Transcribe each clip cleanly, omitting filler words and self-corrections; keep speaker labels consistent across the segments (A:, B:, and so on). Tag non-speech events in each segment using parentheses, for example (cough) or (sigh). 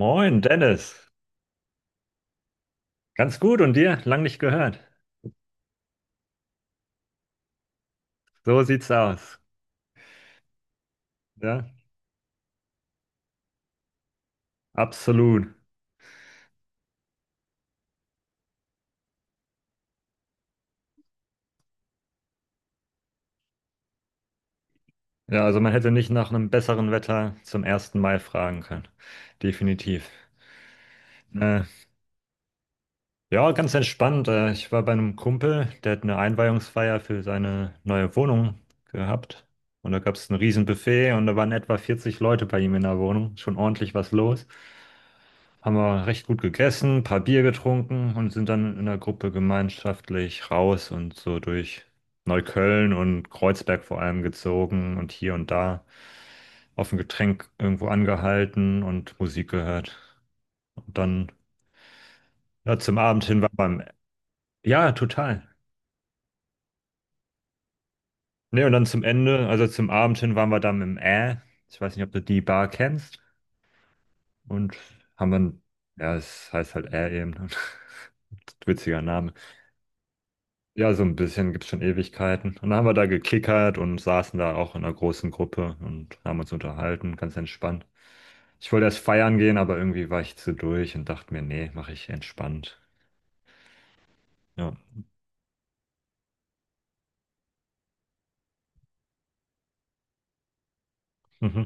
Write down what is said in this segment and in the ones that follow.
A: Moin, Dennis. Ganz gut und dir? Lang nicht gehört. So sieht's aus. Ja, absolut. Ja, also man hätte nicht nach einem besseren Wetter zum ersten Mai fragen können. Definitiv. Äh, ja, ganz entspannt. Ich war bei einem Kumpel, der hat eine Einweihungsfeier für seine neue Wohnung gehabt. Und da gab es ein Riesenbuffet und da waren etwa 40 Leute bei ihm in der Wohnung. Schon ordentlich was los. Haben wir recht gut gegessen, ein paar Bier getrunken und sind dann in der Gruppe gemeinschaftlich raus und so durch Neukölln und Kreuzberg vor allem gezogen und hier und da auf ein Getränk irgendwo angehalten und Musik gehört. Und dann ja, zum Abend hin waren wir im, Ja, total. Nee, und dann zum Ende, also zum Abend hin waren wir dann im. Ich weiß nicht, ob du die Bar kennst. Und haben dann, ja, es heißt halt eben. (laughs) Witziger Name. Ja, so ein bisschen, gibt's schon Ewigkeiten. Und dann haben wir da gekickert und saßen da auch in einer großen Gruppe und haben uns unterhalten, ganz entspannt. Ich wollte erst feiern gehen, aber irgendwie war ich zu durch und dachte mir, nee, mache ich entspannt. Ja. Mhm.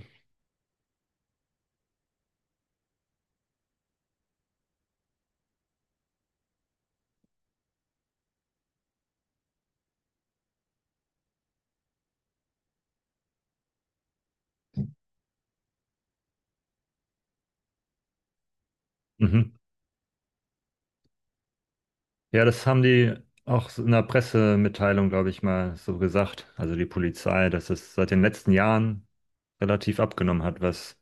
A: Mhm. Ja, das haben die auch so in der Pressemitteilung, glaube ich, mal so gesagt. Also die Polizei, dass es seit den letzten Jahren relativ abgenommen hat, was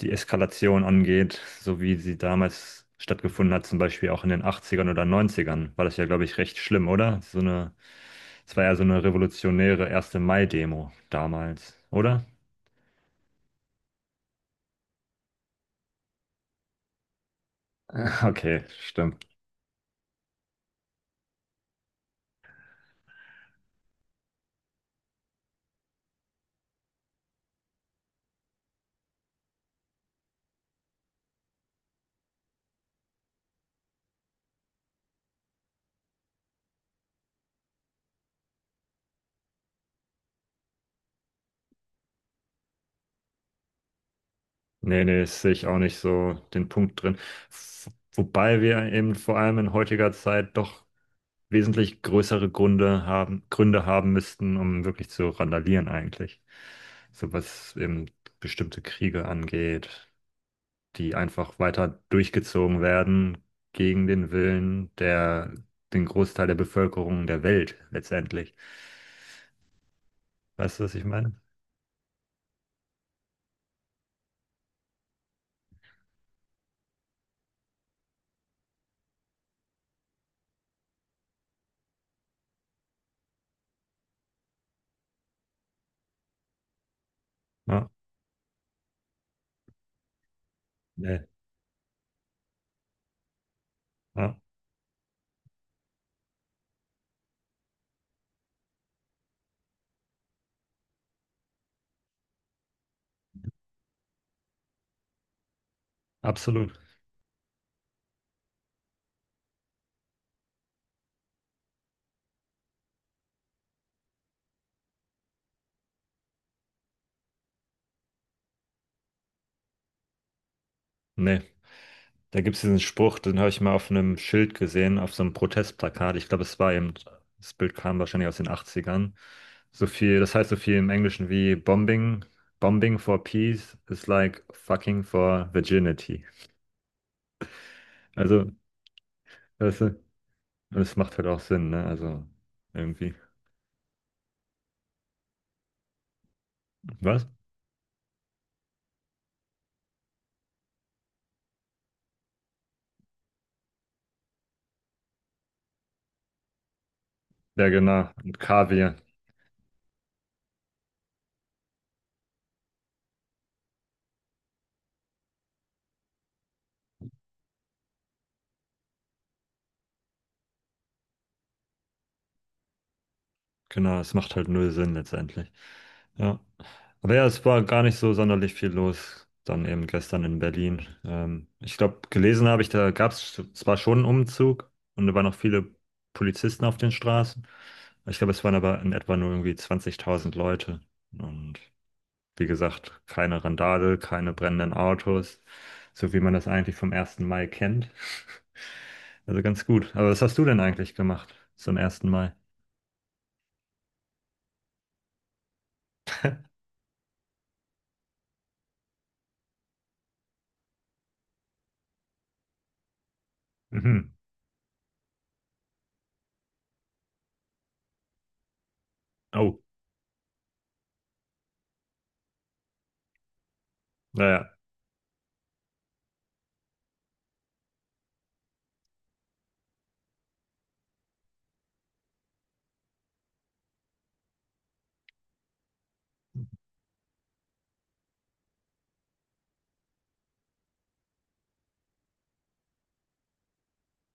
A: die Eskalation angeht, so wie sie damals stattgefunden hat, zum Beispiel auch in den 80ern oder 90ern, war das ja, glaube ich, recht schlimm, oder? Es war ja so eine revolutionäre 1. Mai-Demo damals, oder? (laughs) Okay, stimmt. Nee, nee, das sehe ich auch nicht so den Punkt drin. F- Wobei wir eben vor allem in heutiger Zeit doch wesentlich größere Gründe haben, müssten, um wirklich zu randalieren eigentlich. So was eben bestimmte Kriege angeht, die einfach weiter durchgezogen werden gegen den Willen der, den Großteil der Bevölkerung der Welt letztendlich. Weißt du, was ich meine? Ja, nee, ja, absolut. Nee. Da gibt es diesen Spruch, den habe ich mal auf einem Schild gesehen, auf so einem Protestplakat. Ich glaube, es war eben, das Bild kam wahrscheinlich aus den Achtzigern. So viel, das heißt so viel im Englischen wie Bombing, Bombing for Peace is like fucking for virginity. Also, weißt du, das macht halt auch Sinn, ne? Also, irgendwie. Was? Ja, genau. Und Kaviar. Genau, es macht halt null Sinn letztendlich. Ja. Aber ja, es war gar nicht so sonderlich viel los, dann eben gestern in Berlin. Ich glaube, gelesen habe ich, da gab es zwar schon einen Umzug und da waren noch viele Polizisten auf den Straßen. Ich glaube, es waren aber in etwa nur irgendwie 20.000 Leute. Und wie gesagt, keine Randale, keine brennenden Autos, so wie man das eigentlich vom ersten Mai kennt. (laughs) Also ganz gut. Aber was hast du denn eigentlich gemacht zum ersten Mai? Mhm. Oh, naja.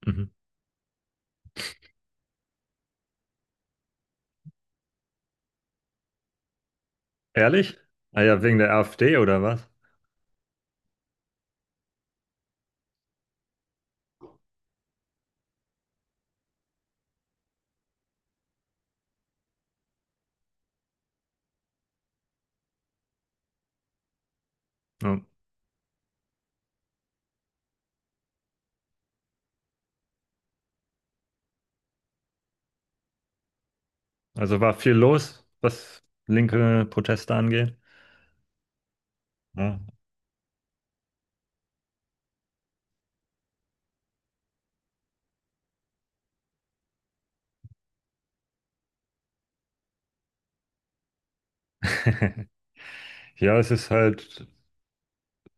A: Mhm. Ehrlich? Ah ja, wegen der AfD oder was? Ja. Also war viel los, was linke Proteste angeht. Ja, (laughs) ja, es ist halt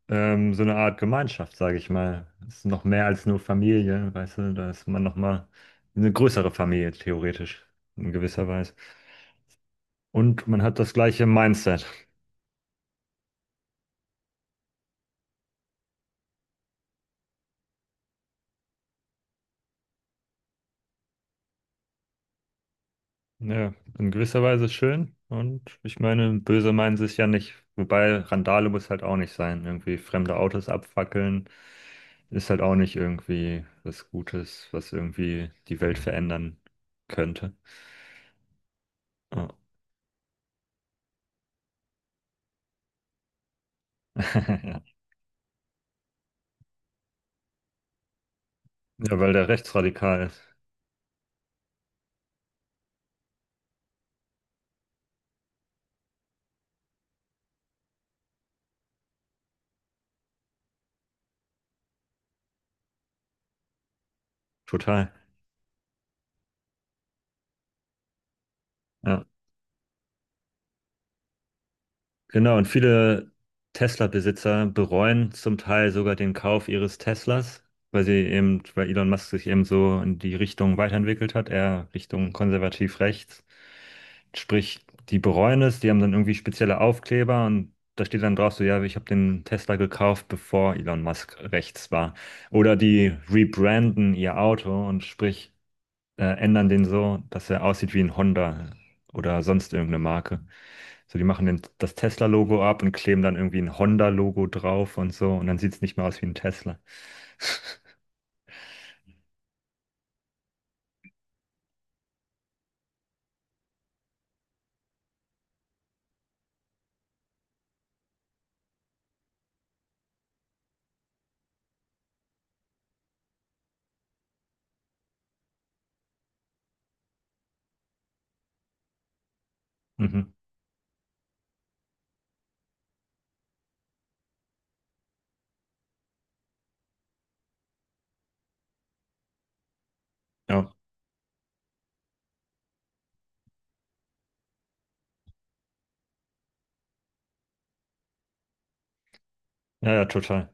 A: so eine Art Gemeinschaft, sage ich mal. Es ist noch mehr als nur Familie, weißt du, da ist man nochmal eine größere Familie, theoretisch, in gewisser Weise. Und man hat das gleiche Mindset. Ja, in gewisser Weise schön. Und ich meine, böse meinen sie es ja nicht. Wobei Randale muss halt auch nicht sein. Irgendwie fremde Autos abfackeln ist halt auch nicht irgendwie was Gutes, was irgendwie die Welt verändern könnte. Ja, (laughs) ja, weil der rechtsradikal ist. Total. Ja. Genau, und viele Tesla-Besitzer bereuen zum Teil sogar den Kauf ihres Teslas, weil weil Elon Musk sich eben so in die Richtung weiterentwickelt hat, eher Richtung konservativ rechts. Sprich, die bereuen es, die haben dann irgendwie spezielle Aufkleber und da steht dann drauf so: ja, ich habe den Tesla gekauft, bevor Elon Musk rechts war. Oder die rebranden ihr Auto und sprich, ändern den so, dass er aussieht wie ein Honda oder sonst irgendeine Marke. So, die machen den, das Tesla-Logo ab und kleben dann irgendwie ein Honda-Logo drauf und so. Und dann sieht es nicht mehr aus wie ein Tesla. (laughs) Mhm. Ja. Ja, ja, total.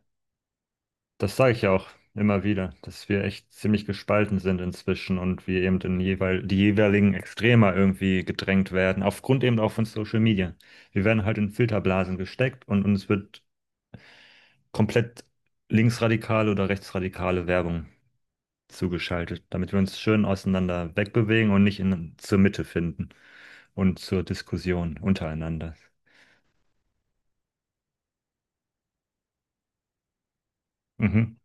A: Das sage ich ja auch immer wieder, dass wir echt ziemlich gespalten sind inzwischen und wir eben in jeweil, die jeweiligen Extremer irgendwie gedrängt werden, aufgrund eben auch von Social Media. Wir werden halt in Filterblasen gesteckt und uns wird komplett linksradikale oder rechtsradikale Werbung zugeschaltet, damit wir uns schön auseinander wegbewegen und nicht in, zur Mitte finden und zur Diskussion untereinander. Mhm,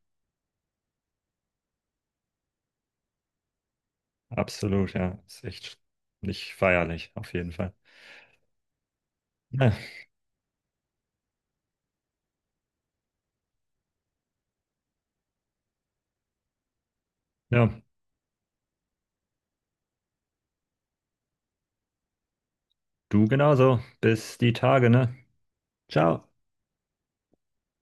A: absolut, ja. Ist echt nicht feierlich, auf jeden Fall. Ja, ja, du genauso. Bis die Tage, ne? Ciao.